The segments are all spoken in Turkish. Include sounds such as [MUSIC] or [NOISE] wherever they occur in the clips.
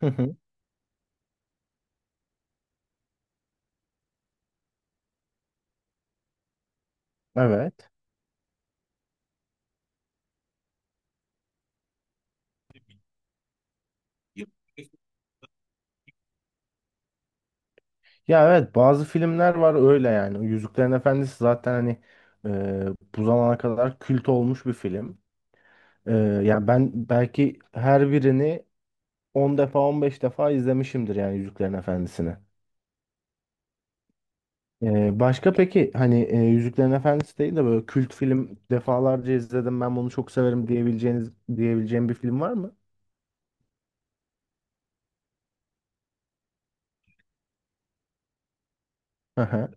Hı hı. Evet. Ya evet bazı filmler var öyle yani. Yüzüklerin Efendisi zaten hani e, bu zamana kadar kült olmuş bir film. E, yani ben belki her birini 10 defa 15 defa izlemişimdir yani Yüzüklerin Efendisi'ni. Başka peki hani Yüzüklerin Efendisi değil de böyle kült film defalarca izledim ben bunu çok severim diyebileceğim bir film var mı? Hı hı.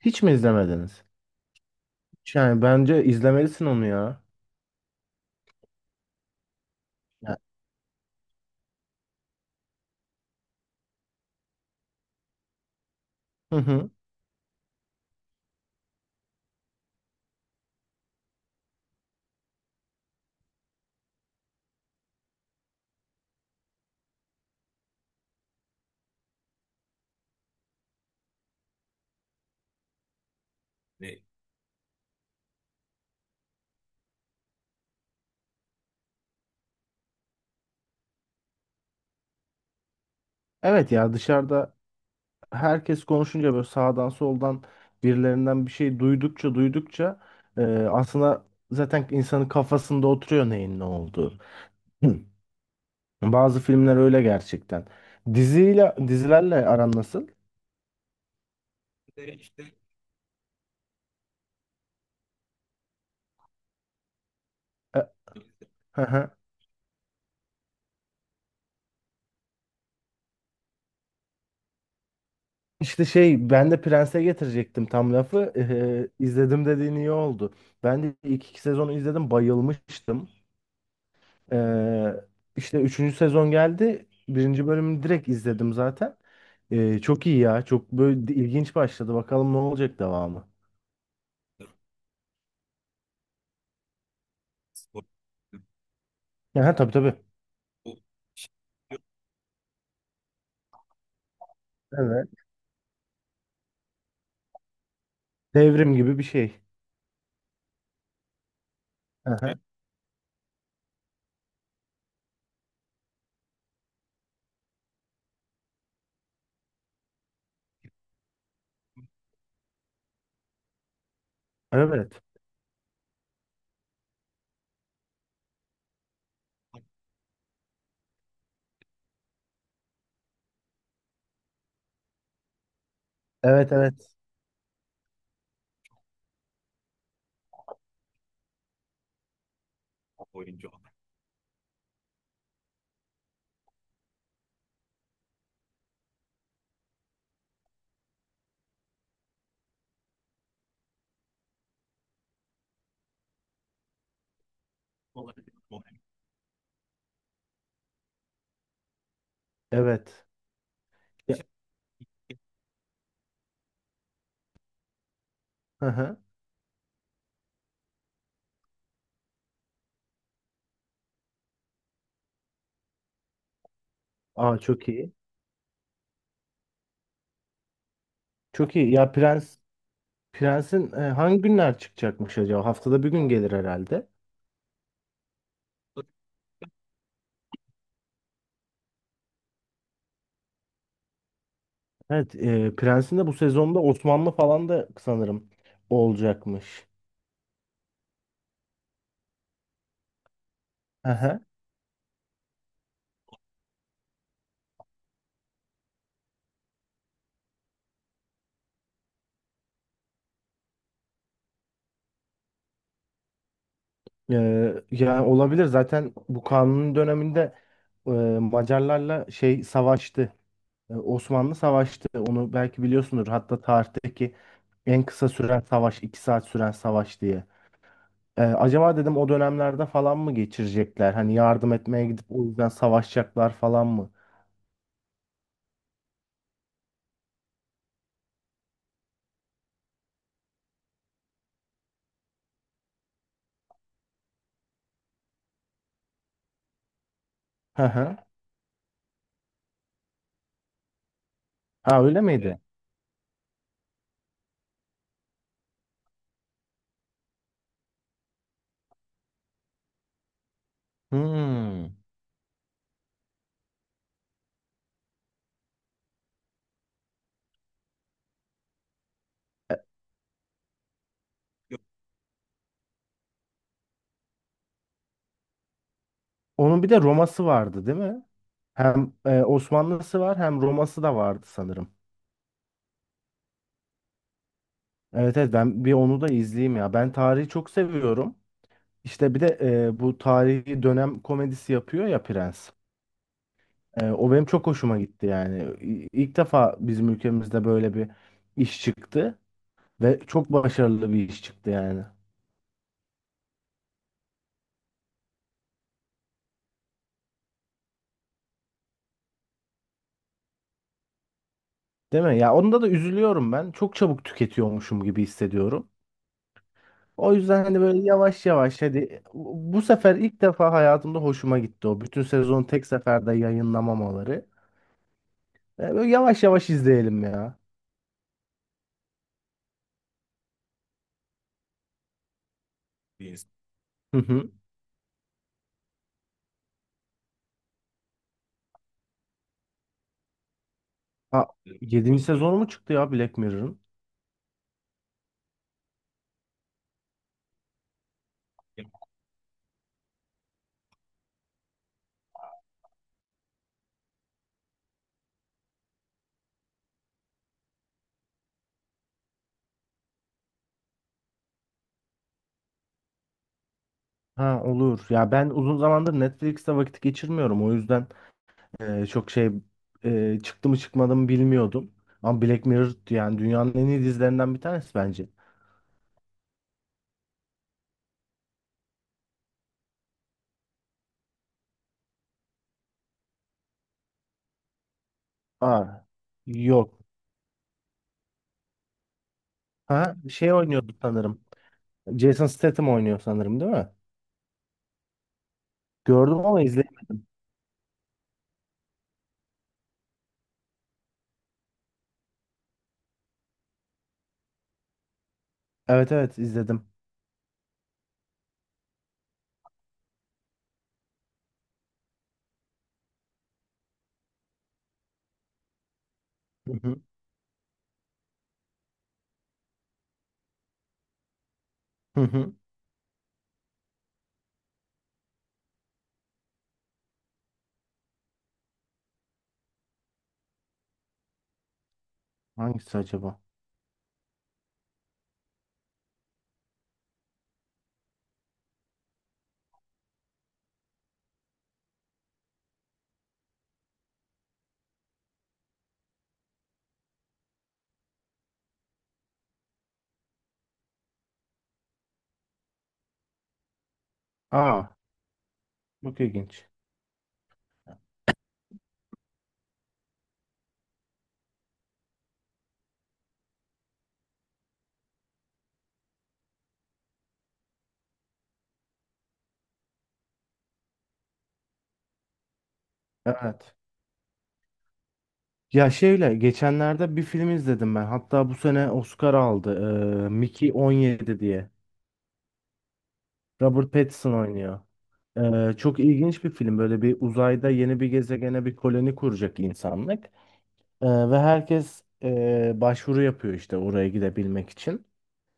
Hiç mi izlemediniz? Yani bence izlemelisin onu ya. Ya- Hı hı. Evet ya dışarıda herkes konuşunca böyle sağdan soldan birilerinden bir şey duydukça duydukça e, aslında zaten insanın kafasında oturuyor neyin ne olduğu. [CLEARS THROAT] Hı. Bazı filmler öyle gerçekten. Dizilerle aran nasıl? E, hı hı. İşte şey ben de Prens'e getirecektim tam lafı. E, e, izledim dediğin iyi oldu. Ben de ilk iki sezonu izledim bayılmıştım. Ee, işte üçüncü sezon geldi. Birinci bölümünü direkt izledim zaten. Çok iyi ya. Çok böyle ilginç başladı. Bakalım ne olacak devamı. Ha, tabii tabii. Evet. Devrim gibi bir şey. Ha, evet. Evet, evet. Evet. Ya, hı hı. Aa, çok iyi. Çok iyi. Ya Prens'in hangi günler çıkacakmış acaba? Haftada bir gün gelir herhalde. Evet, Prens'in de bu sezonda Osmanlı falan da sanırım olacakmış. [LAUGHS] Yani olabilir zaten bu kanunun döneminde e, Macarlarla şey savaştı. Osmanlı savaştı. Onu belki biliyorsundur. Hatta tarihteki en kısa süren savaş, 2 saat süren savaş diye. Acaba dedim o dönemlerde falan mı geçirecekler? Hani yardım etmeye gidip o yüzden savaşacaklar falan mı? Hı hı. Ha, öyle miydi? Hmm. E, Onun bir de Roma'sı vardı, değil mi? Hem Osmanlı'sı var, hem Roma'sı da vardı sanırım. Evet, evet, ben bir onu da izleyeyim ya. Ben tarihi çok seviyorum. İşte bir de bu tarihi dönem komedisi yapıyor ya Prens. O benim çok hoşuma gitti yani. İlk defa bizim ülkemizde böyle bir iş çıktı ve çok başarılı bir iş çıktı yani. Değil mi? Ya onda da üzülüyorum ben. Çok çabuk tüketiyormuşum gibi hissediyorum. O yüzden hani böyle yavaş yavaş hadi bu sefer ilk defa hayatımda hoşuma gitti o. Bütün sezon tek seferde yayınlamamaları. Böyle yavaş yavaş izleyelim ya. Hı hı. 7. sezonu mu çıktı ya Black Mirror'ın? Ha, olur. Ya ben uzun zamandır Netflix'te vakit geçirmiyorum. O yüzden çok şey çıktı mı çıkmadı mı bilmiyordum. Ama Black Mirror yani dünyanın en iyi dizilerinden bir tanesi bence. Aa, yok. Ha, şey oynuyordu sanırım. Jason Statham oynuyor sanırım, değil mi? Gördüm ama izledim. Evet, evet, izledim. Hı hı. Hı hı. Hangisi acaba? Aa, çok ilginç. Evet. Ya şeyle geçenlerde bir film izledim ben. Hatta bu sene Oscar aldı. Mickey 17 diye. Robert Pattinson oynuyor. Çok ilginç bir film. Böyle bir uzayda yeni bir gezegene bir koloni kuracak insanlık. Ve herkes başvuru yapıyor işte oraya gidebilmek için.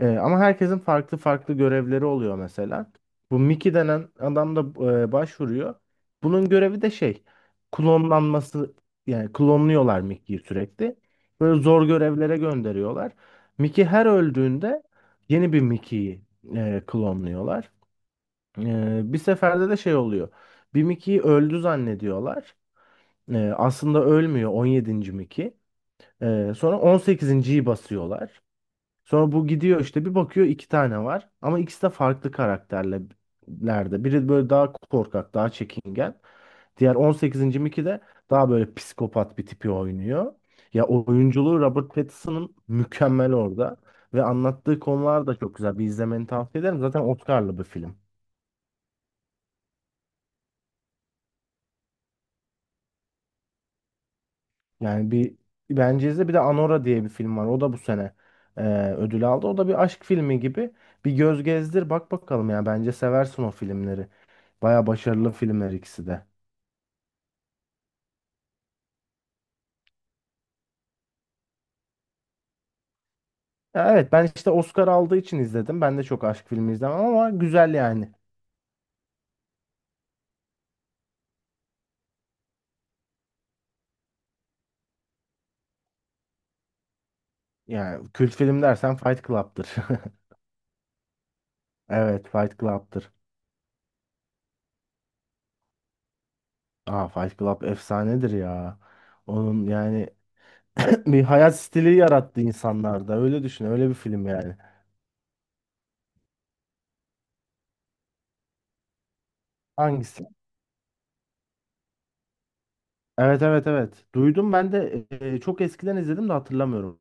Ama herkesin farklı farklı görevleri oluyor mesela. Bu Mickey denen adam da başvuruyor. Bunun görevi de şey, klonlanması, yani klonluyorlar Mickey'yi sürekli. Böyle zor görevlere gönderiyorlar. Mickey her öldüğünde yeni bir Mickey'yi klonluyorlar. Bir seferde de şey oluyor. Bir Mickey'yi öldü zannediyorlar. Aslında ölmüyor 17. Mickey. Sonra 18.yi basıyorlar. Sonra bu gidiyor, işte bir bakıyor iki tane var. Ama ikisi de farklı karakterlerde. Biri böyle daha korkak, daha çekingen. Diğer 18. Mickey de daha böyle psikopat bir tipi oynuyor. Ya oyunculuğu Robert Pattinson'ın mükemmel orada. Ve anlattığı konular da çok güzel. Bir izlemeni tavsiye ederim. Zaten Oscar'lı bir film. Yani bir Bence'de bir de Anora diye bir film var. O da bu sene e, ödül aldı. O da bir aşk filmi gibi. Bir göz gezdir bak bakalım ya. Bence seversin o filmleri. Baya başarılı filmler ikisi de. Ya evet ben işte Oscar aldığı için izledim. Ben de çok aşk filmi izlemem ama güzel yani. Yani kült film dersen Fight Club'tır. [LAUGHS] Evet, Fight Club'tır. Aa, Fight Club efsanedir ya. Onun yani [CLEARS THROAT] bir hayat stili yarattı insanlarda. Öyle düşün, öyle bir film yani. Hangisi? Evet, evet, evet. Duydum ben de, çok eskiden izledim de hatırlamıyorum.